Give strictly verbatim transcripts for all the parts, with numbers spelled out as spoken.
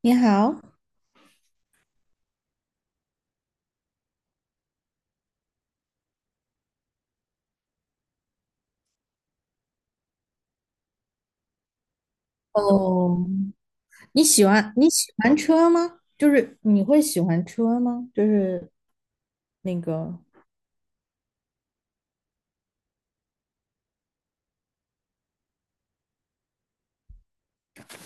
你好。哦，你喜欢你喜欢车吗？就是你会喜欢车吗？就是那个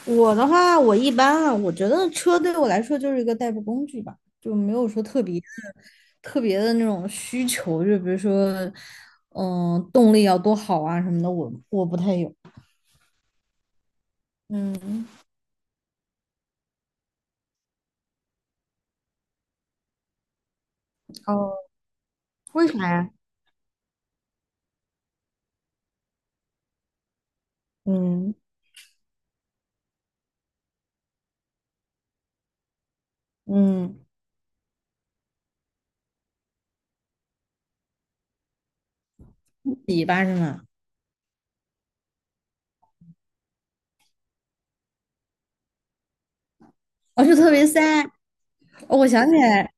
我的话，我一般啊，我觉得车对我来说就是一个代步工具吧，就没有说特别的特别的那种需求，就比如说，嗯，动力要多好啊什么的，我我不太有。嗯。哦，为啥呀？嗯嗯，比吧是吗？我就特别塞。哦我想起来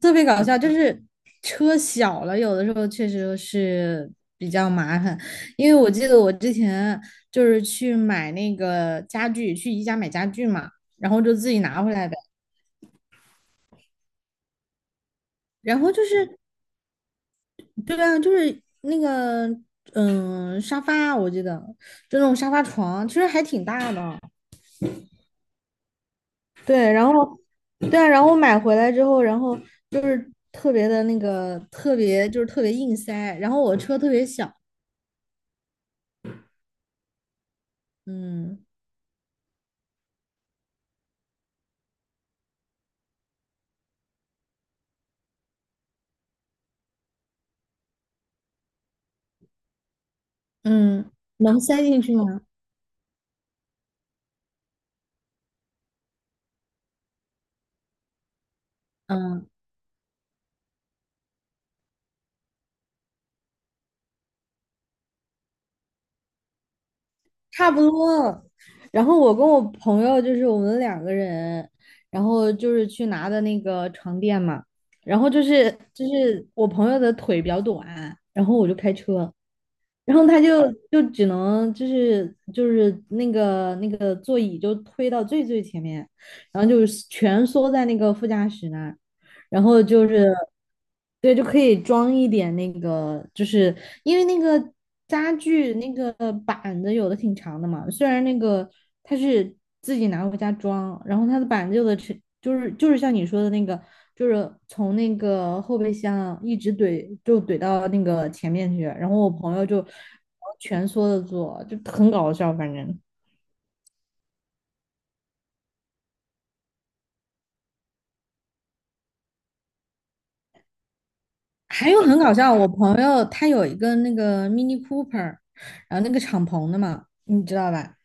特别搞笑，就是车小了，有的时候确实是比较麻烦。因为我记得我之前就是去买那个家具，去宜家买家具嘛，然后就自己拿回来的。然后就是，对啊，就是那个嗯沙发，我记得就那种沙发床，其实还挺大的。对，然后对啊，然后买回来之后，然后就是特别的那个特别就是特别硬塞，然后我车特别小。嗯。嗯，能塞进去吗？嗯，差不多。然后我跟我朋友就是我们两个人，然后就是去拿的那个床垫嘛，然后就是就是我朋友的腿比较短，然后我就开车，然后他就就只能就是就是那个那个座椅就推到最最前面，然后就是蜷缩在那个副驾驶那儿。然后就是，对，就可以装一点那个，就是因为那个家具那个板子有的挺长的嘛，虽然那个它是自己拿回家装，然后它的板子有的是就是就是像你说的那个，就是从那个后备箱一直怼就怼到那个前面去，然后我朋友就蜷缩着坐，就很搞笑，反正。还有很搞笑，我朋友他有一个那个 Mini Cooper，然后那个敞篷的嘛，你知道吧？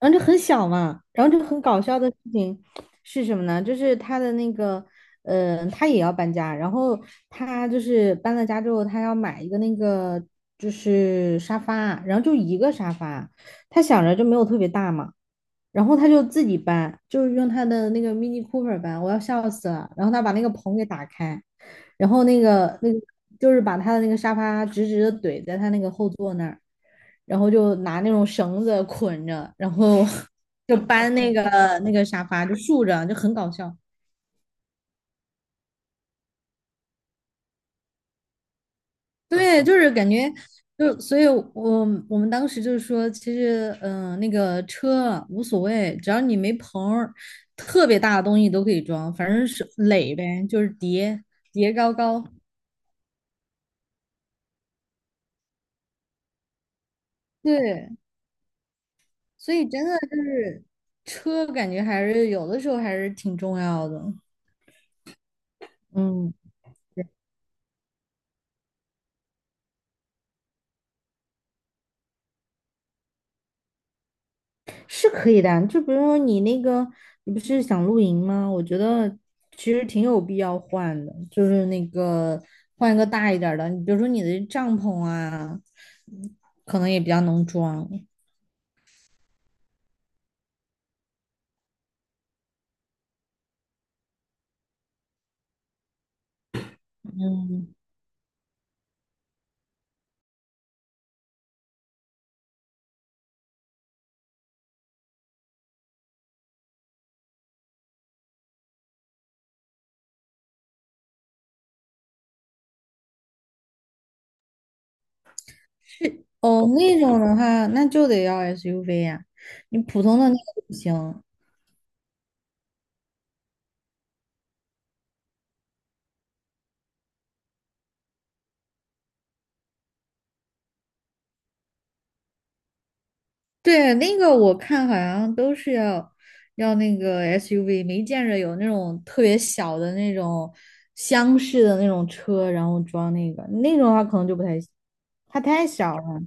然后就很小嘛，然后就很搞笑的事情是什么呢？就是他的那个，呃，他也要搬家，然后他就是搬了家之后，他要买一个那个就是沙发，然后就一个沙发，他想着就没有特别大嘛，然后他就自己搬，就是用他的那个 Mini Cooper 搬，我要笑死了。然后他把那个棚给打开。然后那个那个就是把他的那个沙发直直的怼在他那个后座那儿，然后就拿那种绳子捆着，然后 就搬那个那个沙发就竖着，就很搞笑。对，就是感觉就所以我，我们当时就是说，其实嗯、呃那个车无所谓，只要你没棚儿特别大的东西都可以装，反正是垒呗，就是叠叠高高。对，所以真的就是车，感觉还是有的时候还是挺重要的。嗯，是可以的啊。就比如说你那个，你不是想露营吗？我觉得其实挺有必要换的，就是那个换一个大一点儿的。你比如说你的帐篷啊，嗯可能也比较能装。嗯，是，哦，那种的话，那就得要 S U V 呀、你普通的那个不行。对，那个我看好像都是要要那个 S U V，没见着有那种特别小的那种厢式的那种车，然后装那个那种的话可能就不太行，它太小了。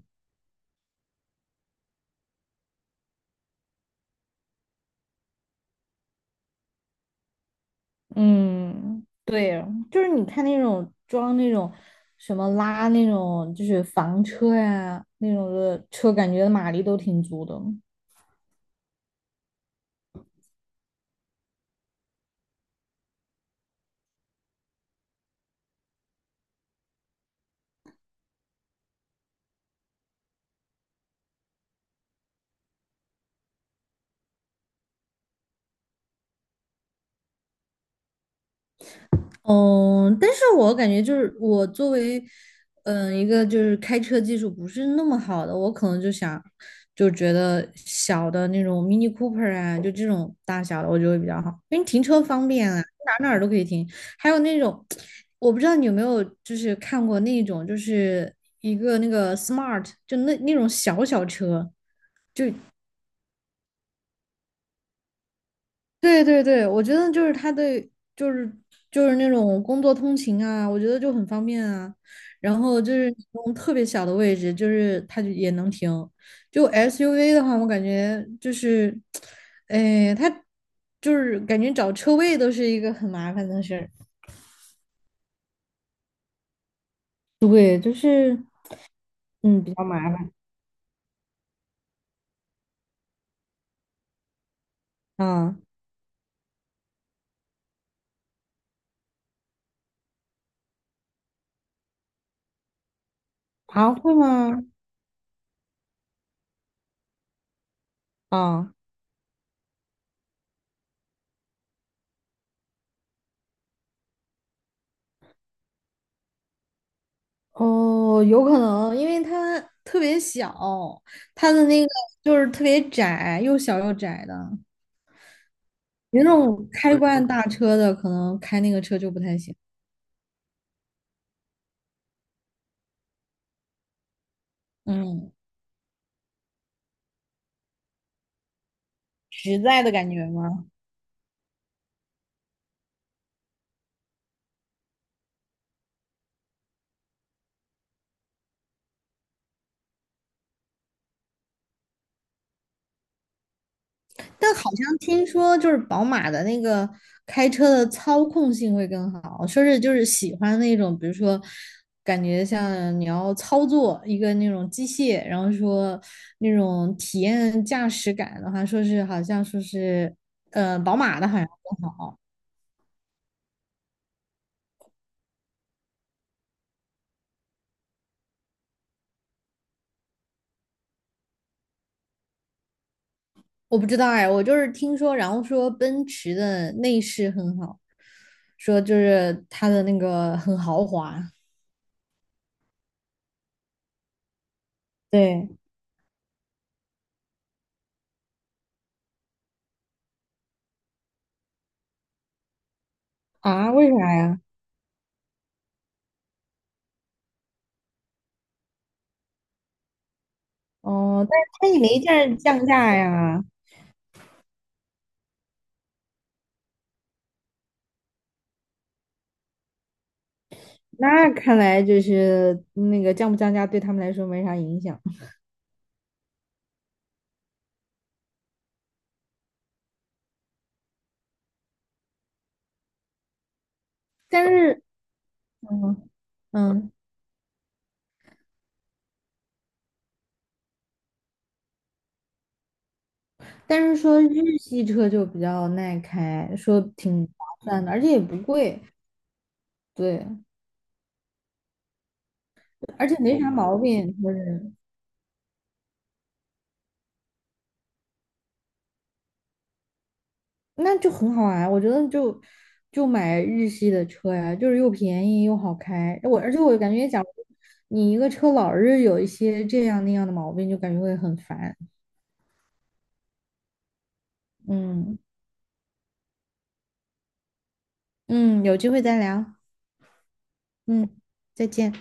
嗯，对，就是你看那种装那种什么拉那种就是房车呀、那种的车，感觉马力都挺足的。嗯，但是我感觉就是我作为，嗯、一个就是开车技术不是那么好的，我可能就想，就觉得小的那种 Mini Cooper 啊，就这种大小的，我觉得会比较好，因为停车方便啊，哪哪儿都可以停。还有那种，我不知道你有没有就是看过那种，就是一个那个 Smart，就那那种小小车，对对对，我觉得就是他对，就是就是那种工作通勤啊，我觉得就很方便啊。然后就是那种特别小的位置，就是它就也能停。就 S U V 的话，我感觉就是，哎，它就是感觉找车位都是一个很麻烦的事儿。对，就是嗯，比较麻烦啊。啊，会吗？啊。哦，有可能，因为它特别小，它的那个就是特别窄，又小又窄的。有那种开惯大车的，可能开那个车就不太行。嗯，实在的感觉吗？但好像听说就是宝马的那个开车的操控性会更好，说是就是喜欢那种，比如说感觉像你要操作一个那种机械，然后说那种体验驾驶感的话，说是好像说是呃宝马的好像更好。我不知道哎，我就是听说，然后说奔驰的内饰很好，说就是它的那个很豪华。对啊，为啥呀？哦，但是它也没降降价呀。那看来就是那个降不降价对他们来说没啥影响。但是 嗯。嗯，但是说日系车就比较耐开，说挺划算的，而且也不贵。对，而且没啥毛病，就是那就很好啊，我觉得就就买日系的车呀，就是又便宜又好开。我而且我感觉，讲，你一个车老是有一些这样那样的毛病，就感觉会很烦。嗯。嗯，有机会再聊。嗯，再见。